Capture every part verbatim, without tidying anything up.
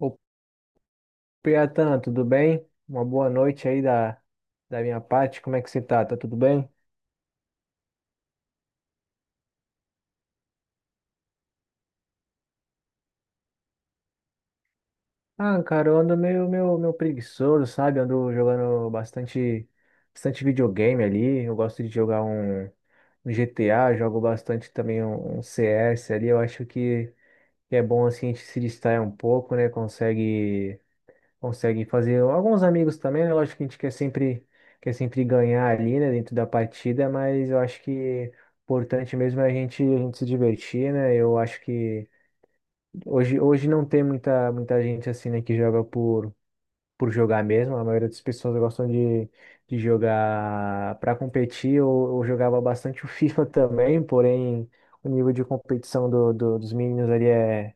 Ô, Piatan, tudo bem? Uma boa noite aí da, da minha parte. Como é que você tá? Tá tudo bem? Ah, cara, eu ando meio, meio, meio preguiçoso, sabe? Ando jogando bastante, bastante videogame ali. Eu gosto de jogar um, um G T A, jogo bastante também um, um C S ali. Eu acho que, que é bom assim a gente se distrair um pouco, né? Consegue. conseguem fazer alguns amigos também, né? Lógico que a gente quer sempre, quer sempre ganhar ali, né, dentro da partida, mas eu acho que o importante mesmo é a gente, a gente se divertir, né? Eu acho que hoje, hoje não tem muita, muita gente assim, né, que joga por, por jogar mesmo. A maioria das pessoas gostam de, de jogar para competir. Eu, eu jogava bastante o FIFA também, porém o nível de competição do, do- dos meninos ali é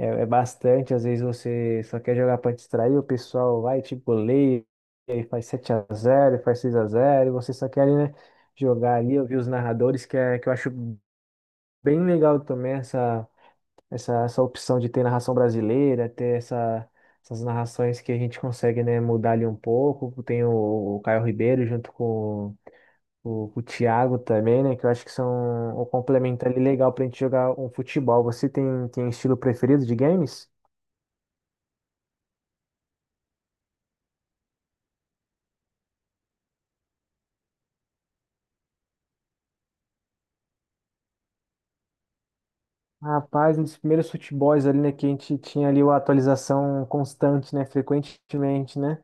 é, é bastante. Às vezes você só quer jogar para distrair, o pessoal vai, tipo, goleia, e aí faz sete a zero, faz seis a zero, e você só quer, né, jogar ali. Eu vi os narradores, que, é, que eu acho bem legal também essa, essa, essa opção de ter narração brasileira, ter essa, essas narrações que a gente consegue, né, mudar ali um pouco. Tem o, o Caio Ribeiro junto com, o, com o Thiago também, né, que eu acho que são um complemento ali legal para a gente jogar um futebol. Você tem, tem estilo preferido de games? Rapaz, nos primeiros futebols ali, né, que a gente tinha ali uma atualização constante, né, frequentemente, né?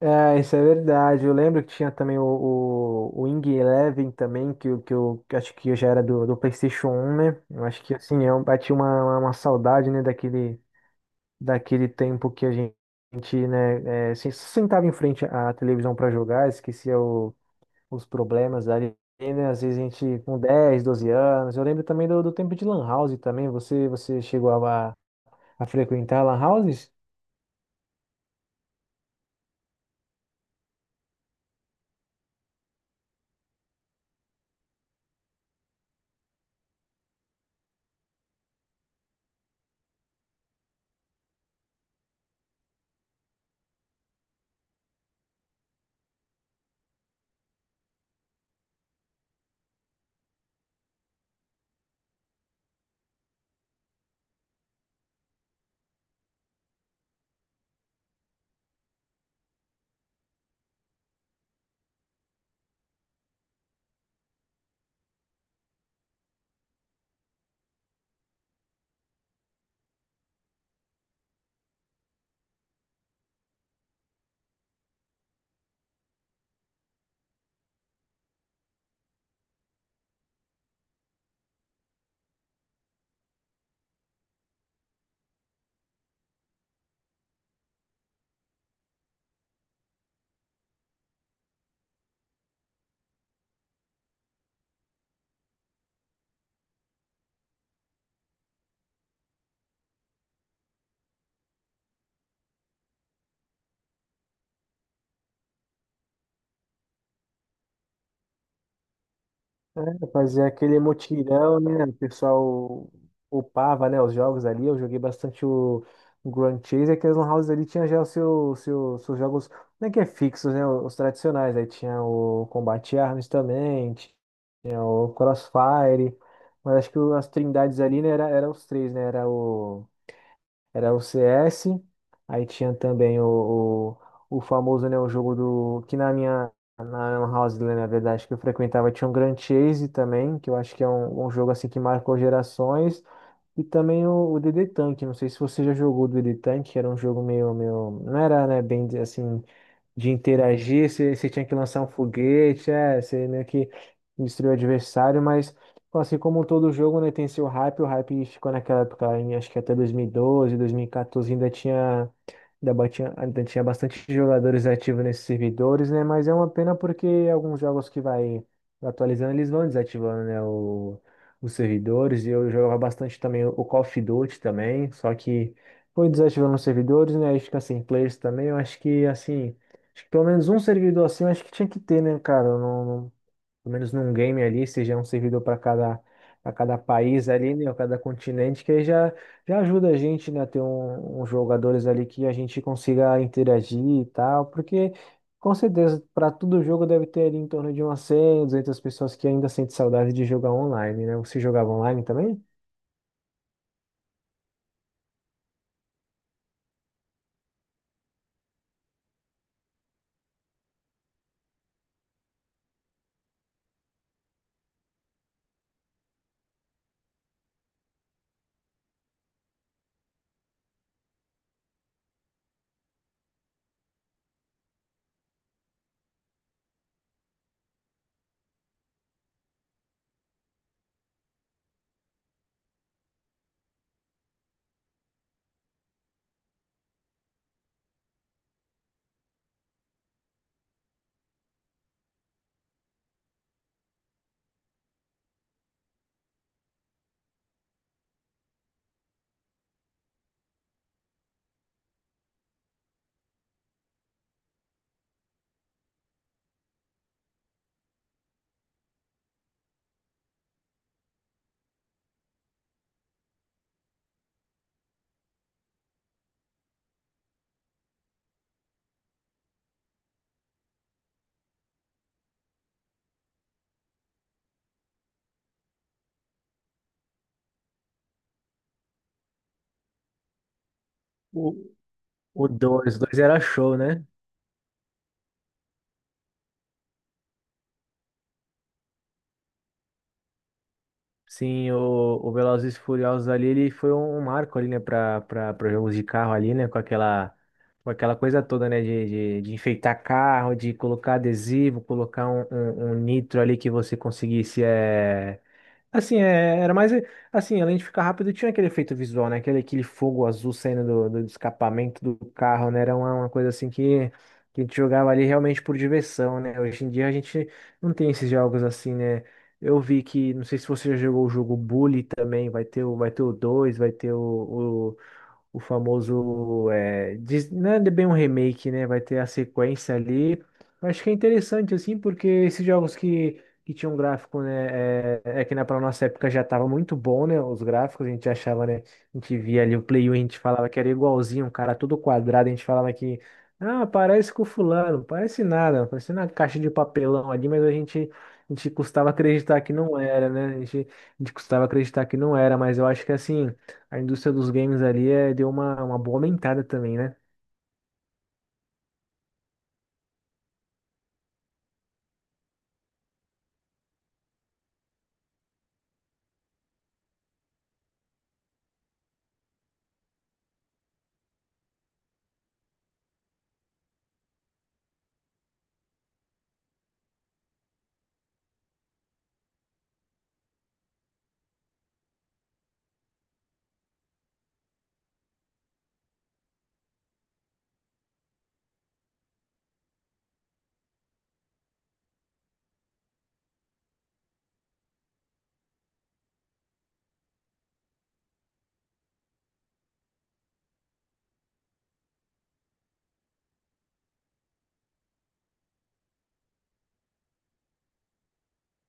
É, isso é verdade. Eu lembro que tinha também o, o, o Wing Eleven também, que, eu- que eu que eu acho que eu já era do, do PlayStation um, né? Eu acho que, assim, eu bati uma, uma, uma saudade, né, daquele, daquele tempo que a gente, né, é, se- sentava em frente à televisão para jogar, esquecia o os problemas ali, né? Às vezes a gente com dez, doze anos. Eu lembro também do, do tempo de Lan House também. Você, você chegou a, a frequentar Lan Houses? É, fazer aquele mutirão, né? O pessoal upava, né, os jogos ali. Eu joguei bastante o o Grand Chase. Aquelas Lan Houses ali tinha já os seu, seu, seus jogos, não é que é fixos, né? Os tradicionais. Aí tinha o Combate Arms também, tinha o Crossfire. Mas acho que o- as trindades ali, né, era, era os três, né? Era o Era o C S, aí tinha também o, o, o famoso, né, o jogo do, que na minha, na Lan House, né, na verdade, que eu frequentava, tinha um Grand Chase também, que eu acho que é um, um jogo, assim, que marcou gerações, e também o, o D D Tank. Não sei se você já jogou o D D Tank, que era um jogo meio, meio, não era, né, bem, assim, de interagir. Você, você tinha que lançar um foguete, é, você meio que destruiu o adversário, mas, pô, assim como todo jogo, né, tem seu hype. O hype ficou naquela época, em, acho que até dois mil e doze, dois mil e quatorze ainda tinha. Ainda ba- tinha, ainda tinha bastante jogadores ativos nesses servidores, né? Mas é uma pena porque alguns jogos que vai atualizando, eles vão desativando, né, O, os servidores. E eu jogava bastante também o Call of Duty também. Só que foi desativando os servidores, né? Aí fica sem players também. Eu acho que, assim, acho que pelo menos um servidor assim, eu acho que tinha que ter, né, cara? Eu Não, pelo menos num game ali, seja um servidor para cada, para cada país ali, né, ou cada continente, que aí já, já ajuda a gente, né, a ter um, uns jogadores ali que a gente consiga interagir e tal, porque com certeza para todo jogo deve ter ali em torno de umas cem, duzentas pessoas que ainda sentem saudade de jogar online, né? Você jogava online também? O, o Dois, dois era show, né? Sim, o, o Velozes e Furiosos ali, ele foi um, um marco ali, né, para para jogos de carro ali, né, com aquela com aquela coisa toda, né, de, de, de enfeitar carro, de colocar adesivo, colocar um, um, um nitro ali que você conseguisse, eh, assim, é, era mais. eh, Assim, além de ficar rápido, tinha aquele efeito visual, né? Aquele, aquele fogo azul saindo do, do escapamento do carro, né? Era uma, uma coisa assim que, que a gente jogava ali realmente por diversão, né? Hoje em dia a gente não tem esses jogos assim, né? Eu vi que, não sei se você já jogou o jogo Bully também, vai ter o, vai ter o dois, vai ter o, o famoso. É, diz- não é bem um remake, né? Vai ter a sequência ali. Eu acho que é interessante, assim, porque esses jogos que, que tinham gráfico, né? É, é que na pra nossa época já tava muito bom, né? Os gráficos, a gente achava, né? A gente via ali o Play um, a gente falava que era igualzinho, um cara todo quadrado, a gente falava que, ah, parece com o fulano. Parece nada, parece uma caixa de papelão ali, mas a gente, a gente custava acreditar que não era, né? A gente, a gente custava acreditar que não era, mas eu acho que, assim, a indústria dos games ali, é, deu uma, uma boa aumentada também, né?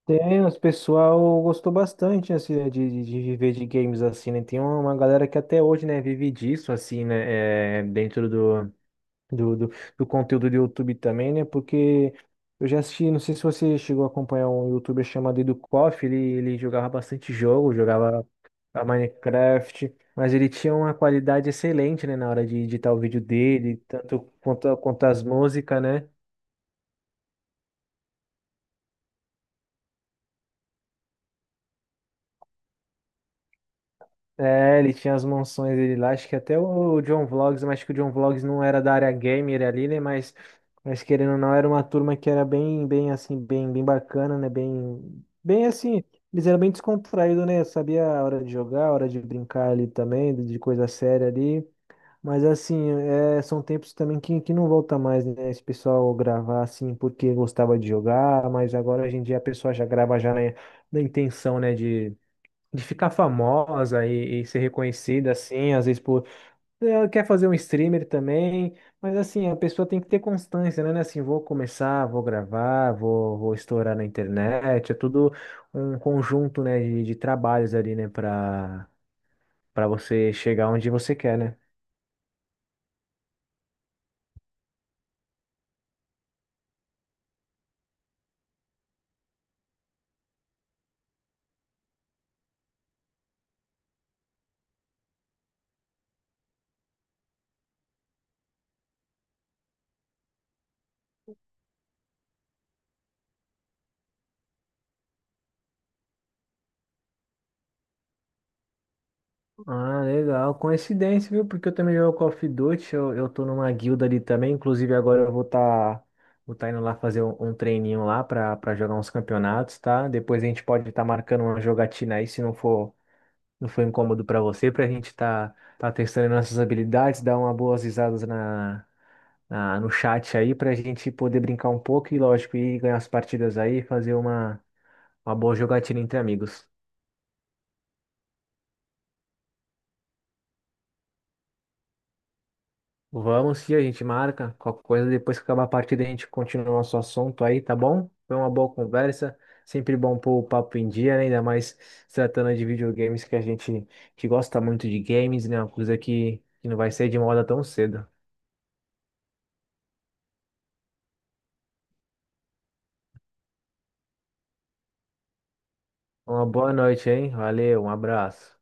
Tem, o pessoal gostou bastante, assim, né, de, de de viver de games, assim, né? Tem uma uma galera que até hoje, né, vive disso, assim, né, é, dentro do, do, do, do conteúdo do YouTube também, né? Porque eu já assisti, não sei se você chegou a acompanhar um YouTuber chamado EduKoff. Ele, ele jogava bastante jogo, jogava a Minecraft, mas ele tinha uma qualidade excelente, né, na hora de editar o vídeo dele, tanto quanto, quanto as músicas, né? É, ele tinha as mansões dele lá, acho que até o John Vlogs, mas acho que o John Vlogs não era da área gamer ali, né? Mas, mas querendo ou não, era uma turma que era bem, bem assim, bem, bem bacana, né? Bem, bem assim, eles eram bem descontraídos, né? Sabia a hora de jogar, a hora de brincar ali também, de de coisa séria ali. Mas assim, é, são tempos também que, que não volta mais, né? Esse pessoal gravar assim porque gostava de jogar, mas agora, hoje em dia, a pessoa já grava já na, na intenção, né, de ficar famosa e, e ser reconhecida, assim, às vezes por ela quer fazer um streamer também. Mas, assim, a pessoa tem que ter constância, né? Não é assim, vou começar, vou gravar, vou, vou estourar na internet. É tudo um conjunto, né, de, de trabalhos ali, né, para para você chegar onde você quer, né? Ah, legal. Coincidência, viu? Porque eu também jogo Call of Duty, eu, eu tô numa guilda ali também. Inclusive, agora eu vou tá, vou tá indo lá fazer um, um treininho lá pra, pra jogar uns campeonatos, tá? Depois a gente pode estar marcando uma jogatina aí, se não for, não for incômodo pra você, pra gente tá, tá testando nossas habilidades, dar uma boas risadas na, na, no chat aí, pra gente poder brincar um pouco e, lógico, ir ganhar as partidas aí, fazer uma, uma boa jogatina entre amigos. Vamos sim, a gente marca. Qualquer coisa, depois que acabar a partida, a gente continua o nosso assunto aí, tá bom? Foi uma boa conversa. Sempre bom pôr o papo em dia, né? Ainda mais se tratando de videogames que a gente que gosta muito de games, né? Uma coisa que, que não vai sair de moda tão cedo. Uma boa noite, hein? Valeu, um abraço.